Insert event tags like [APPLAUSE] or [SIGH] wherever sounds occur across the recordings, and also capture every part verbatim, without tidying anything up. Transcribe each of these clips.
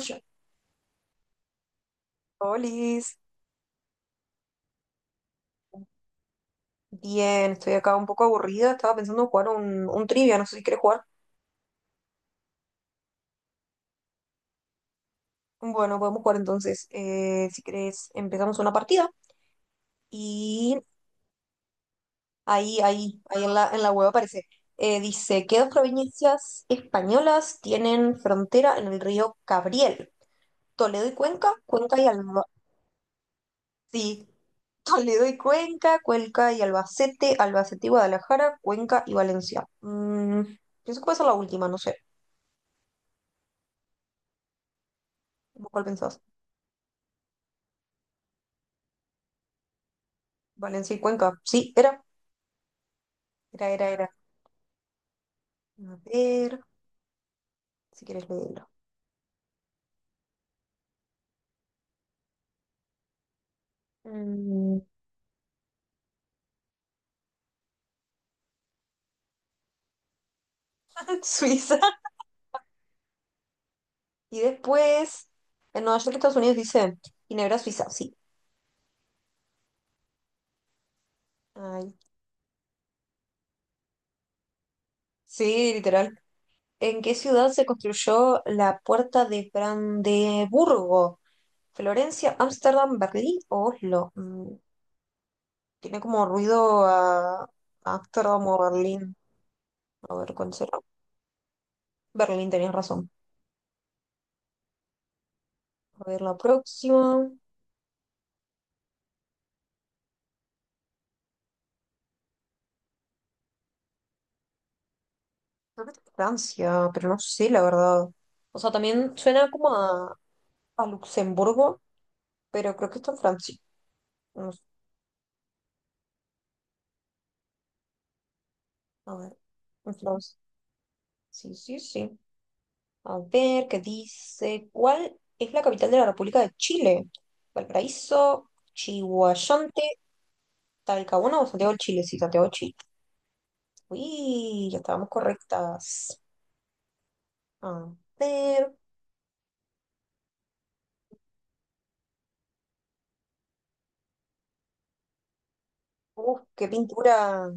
Yo- Olis, bien, estoy acá un poco aburrida, estaba pensando en jugar un, un trivia, no sé si querés jugar. Bueno, podemos jugar entonces, eh, si querés empezamos una partida y ahí, ahí, ahí en la, en la web aparece. Eh, dice, ¿qué dos provincias españolas tienen frontera en el río Cabriel? Toledo y Cuenca, Cuenca y Alba... Sí, Toledo y Cuenca, Cuenca y Albacete, Albacete y Guadalajara, Cuenca y Valencia. Mm, pienso que va a ser la última, no sé. ¿Vos cuál pensás? Valencia y Cuenca. Sí, era, era, era, era. A ver, si quieres leerlo. Mm, [LAUGHS] Suiza. Y después, en Nueva York, Estados Unidos, dice Ginebra, Suiza. Sí. Ay, sí, literal. ¿En qué ciudad se construyó la Puerta de Brandeburgo? ¿Florencia, Ámsterdam, Berlín o Oslo? Mm, tiene como ruido a a Ámsterdam o Berlín. A ver, ¿cuál será? Berlín, tenías razón. A ver, la próxima. Creo que es Francia, pero no sé, la verdad. O sea, también suena como a, a Luxemburgo, pero creo que está en Francia. No sé, a ver, en Francia. Sí, sí, sí. A ver, ¿qué dice? ¿Cuál es la capital de la República de Chile? Valparaíso, Chihuayante, Talcahuano o Santiago de Chile. Sí, Santiago de Chile. Uy, ya estábamos correctas. A ver, uf, qué pintura.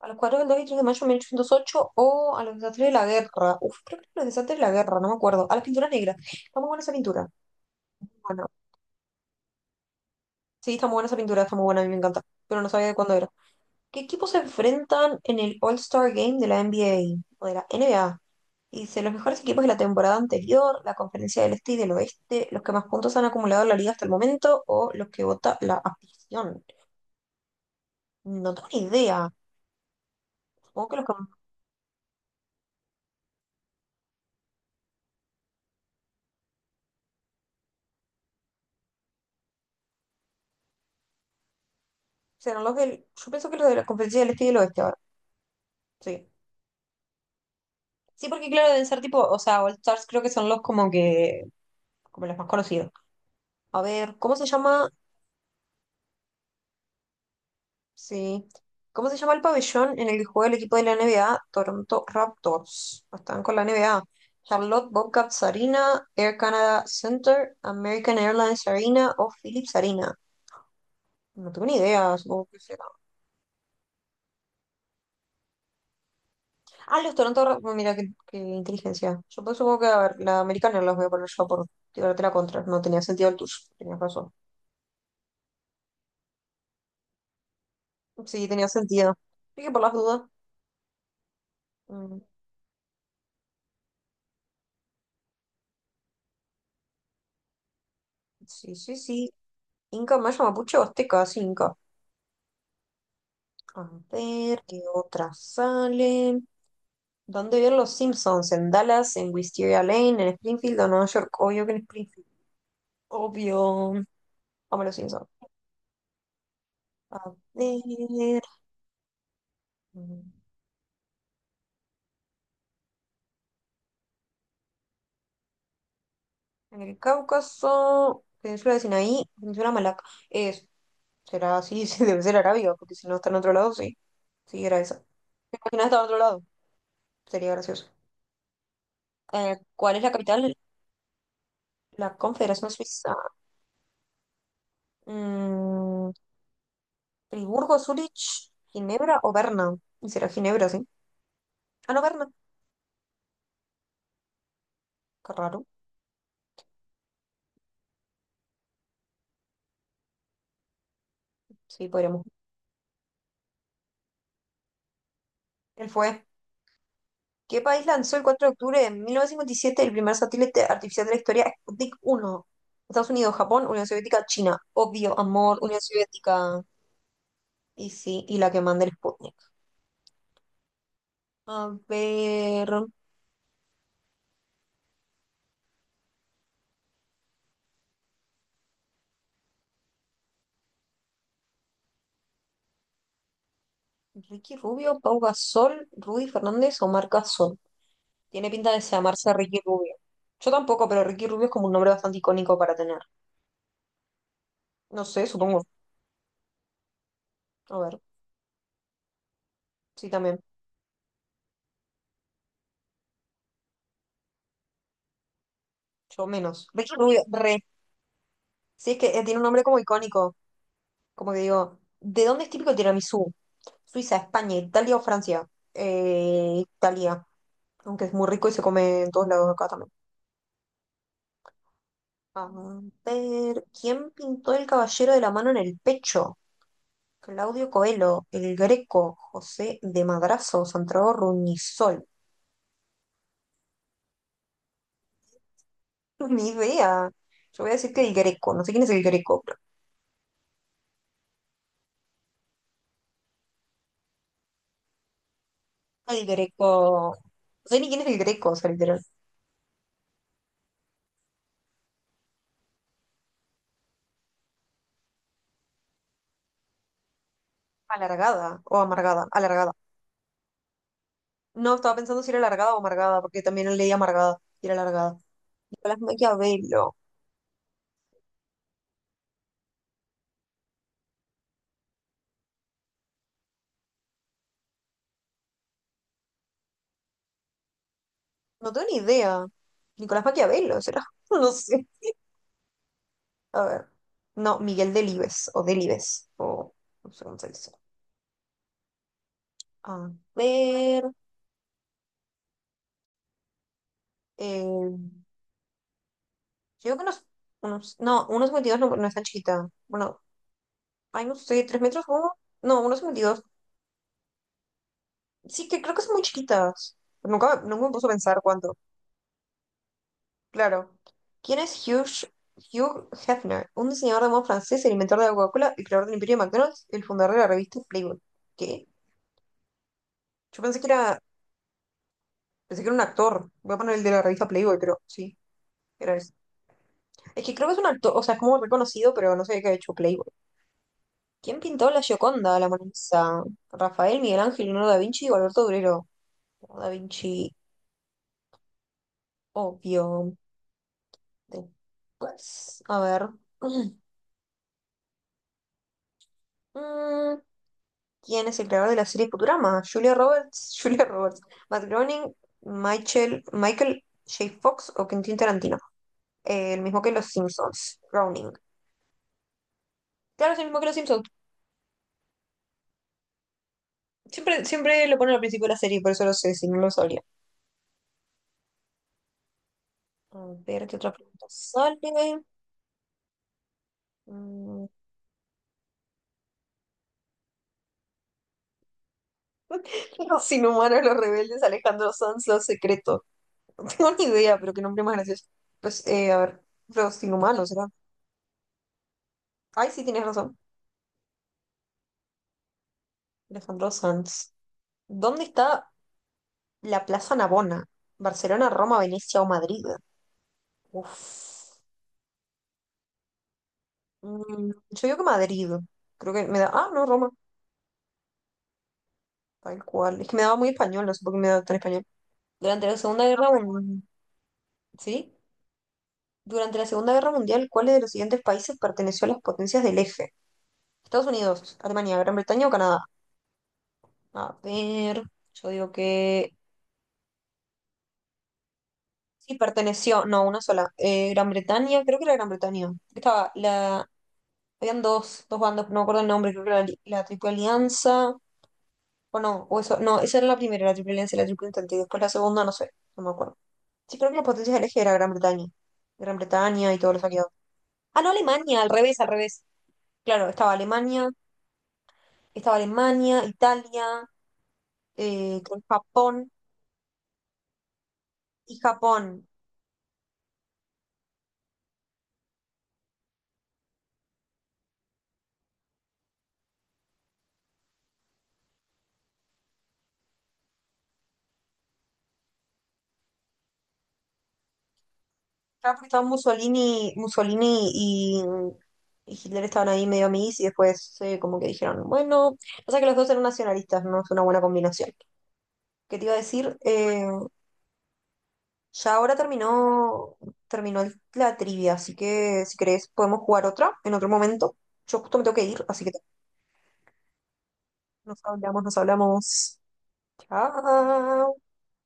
A los cuatro del dos y tres de mayo de mil ochocientos ocho o a los desastres de la guerra. Uf, creo que a los desastres de la guerra, no me acuerdo. A las pinturas negras. Está muy buena esa pintura. Bueno, sí, está muy buena esa pintura, está muy buena, a mí me encanta. Pero no sabía de cuándo era. ¿Qué equipos se enfrentan en el All-Star Game de la N B A o de la N B A? Y dice, los mejores equipos de la temporada anterior, la conferencia del este y del oeste, los que más puntos han acumulado en la liga hasta el momento o los que vota la afición. No tengo ni idea. Supongo que los que serán los del... Yo pienso que los de la conferencia del este y del oeste ahora. Sí. Sí, porque claro, deben ser tipo, o sea, All Stars creo que son los como que, como los más conocidos. A ver, ¿cómo se llama? Sí. ¿Cómo se llama el pabellón en el que juega el equipo de la N B A? Toronto Raptors. Están con la N B A. Charlotte Bobcats Arena, Air Canada Center, American Airlines Arena o Philips Arena. No tengo ni idea, supongo que será. Ah, los Toronto Raptors, mira qué, qué inteligencia. Yo pues, supongo que, a ver, la americana los voy a poner yo por tirarte la contra. No tenía sentido el tuyo, tenías razón. Sí, tenía sentido. Sí, que por las dudas. Mm, sí, sí, sí. Inca, maya, mapuche, azteca, sí, Inca. A ver, ¿qué otras salen? ¿Dónde viven los Simpsons? ¿En Dallas? ¿En Wisteria Lane? ¿En Springfield o Nueva York? Obvio que en Springfield. Obvio. Vamos los Simpsons. A ver. Mm, en el Cáucaso, Península de Sinaí, Península Malaca. Es, será así, [LAUGHS] sí, debe ser Arabia, porque si no está en otro lado, sí. Sí, era esa. Imagina estar en otro lado. Sería gracioso. Eh, ¿cuál es la capital de la Confederación Suiza? Mm, ¿Friburgo, Zúrich, Ginebra o Berna? ¿Y será Ginebra, sí? Ah, no, Berna. Qué raro. Sí, podríamos. Él fue. ¿Qué país lanzó el cuatro de octubre de mil novecientos cincuenta y siete el primer satélite artificial de la historia, Sputnik uno? Estados Unidos, Japón, Unión Soviética, China. Obvio, amor, Unión Soviética. Y sí, y la que manda el Sputnik. A ver. Ricky Rubio, Pau Gasol, Rudy Fernández o Marc Gasol. Tiene pinta de llamarse Ricky Rubio. Yo tampoco, pero Ricky Rubio es como un nombre bastante icónico para tener. No sé, supongo. A ver, sí también. Yo menos. Ricky Rubio, re. Sí, es que eh, tiene un nombre como icónico. Como que digo, ¿de dónde es típico el tiramisú? Suiza, España, Italia o Francia. Eh, Italia. Aunque es muy rico y se come en todos lados acá también. A ver, ¿quién pintó el caballero de la mano en el pecho? Claudio Coelho, el Greco, José de Madrazo, Santiago Ruñizol. No, ni idea. Yo voy a decir que el Greco. No sé quién es el Greco, pero el Greco. No sé ni quién es el Greco, o sea, literal. ¿Alargada o amargada? Alargada. No, estaba pensando si era alargada o amargada, porque también leí amargada y era alargada. Nicolás Maquiavelo. No tengo ni idea. Nicolás Maquiavelo, ¿será? [LAUGHS] No sé. A ver. No, Miguel Delibes o Delibes. O no sé cómo se dice. A ver. eh, yo creo que unos, unos, no, unos cincuenta y dos no, no es tan chiquita. Bueno, ay, no sé, tres metros, ¿cómo? No, unos cincuenta y dos. Sí, que creo que son muy chiquitas. Nunca, nunca me puse a pensar cuánto. Claro. ¿Quién es Hugh, Hugh Hefner? ¿Un diseñador de moda francés, el inventor de la Coca-Cola, el creador del Imperio de McDonald's, el fundador de la revista Playboy? ¿Qué? Yo pensé que era, pensé que era un actor. Voy a poner el de la revista Playboy, pero sí, era ese. Es que creo que es un actor, o sea, es como reconocido, pero no sé qué ha hecho Playboy. ¿Quién pintó la Gioconda, la Mona Lisa? Rafael, Miguel Ángel, Leonardo da Vinci o Alberto Durero. Da Vinci, obvio. Después, a ver. [CLEARS THROAT] Mm, ¿quién es el creador de la serie Futurama? Julia Roberts, [LAUGHS] Julia Roberts, Matt Groening, Michael, Michael J. Fox o Quentin Tarantino. Eh, el mismo que los Simpsons, Groening. Claro, es el mismo que los Simpsons. Siempre, siempre lo ponen al principio de la serie, por eso lo sé, si no lo sabría. A ver, ¿qué otra pregunta sale? Mm, [LAUGHS] los inhumanos, los rebeldes, Alejandro Sanz, los secretos. [LAUGHS] No tengo ni idea, pero qué nombre más gracioso. Pues, eh, a ver, los inhumanos, ¿verdad? Ay, sí, tienes razón. Alejandro Sanz. ¿Dónde está la Plaza Navona? ¿Barcelona, Roma, Venecia o Madrid? Uf. Mm, yo digo que Madrid. Creo que me da. Ah, no, Roma. Tal cual. Es que me daba muy español, no sé por qué me daba tan español. Durante la Segunda Guerra Mundial. ¿Sí? Durante la Segunda Guerra Mundial, ¿cuál de los siguientes países perteneció a las potencias del eje? Estados Unidos, Alemania, Gran Bretaña o Canadá. A ver. Yo digo que. Sí, perteneció. No, una sola. Eh, Gran Bretaña, creo que era Gran Bretaña. Estaba la habían dos, dos bandas, no me acuerdo el nombre, creo que era la, la Triple Alianza, o no, o eso, no, esa era la primera, la Triple Alianza y la Triple Entente, y después la segunda, no sé, no me acuerdo. Sí, creo que la potencia del eje era Gran Bretaña, Gran Bretaña y todos los aliados. Ah, no, Alemania, al revés, al revés. Claro, estaba Alemania, estaba Alemania, Italia, eh, creo que Japón, y Japón. Claro, porque estaban Mussolini, Mussolini y, y Hitler estaban ahí medio amiguis, y después eh, como que dijeron, bueno, o sea que los dos eran nacionalistas, no es una buena combinación. ¿Qué te iba a decir? Eh, ya ahora terminó, terminó el- la trivia, así que si querés podemos jugar otra en otro momento. Yo justo me tengo que ir, así que no nos hablamos, nos hablamos. Chao.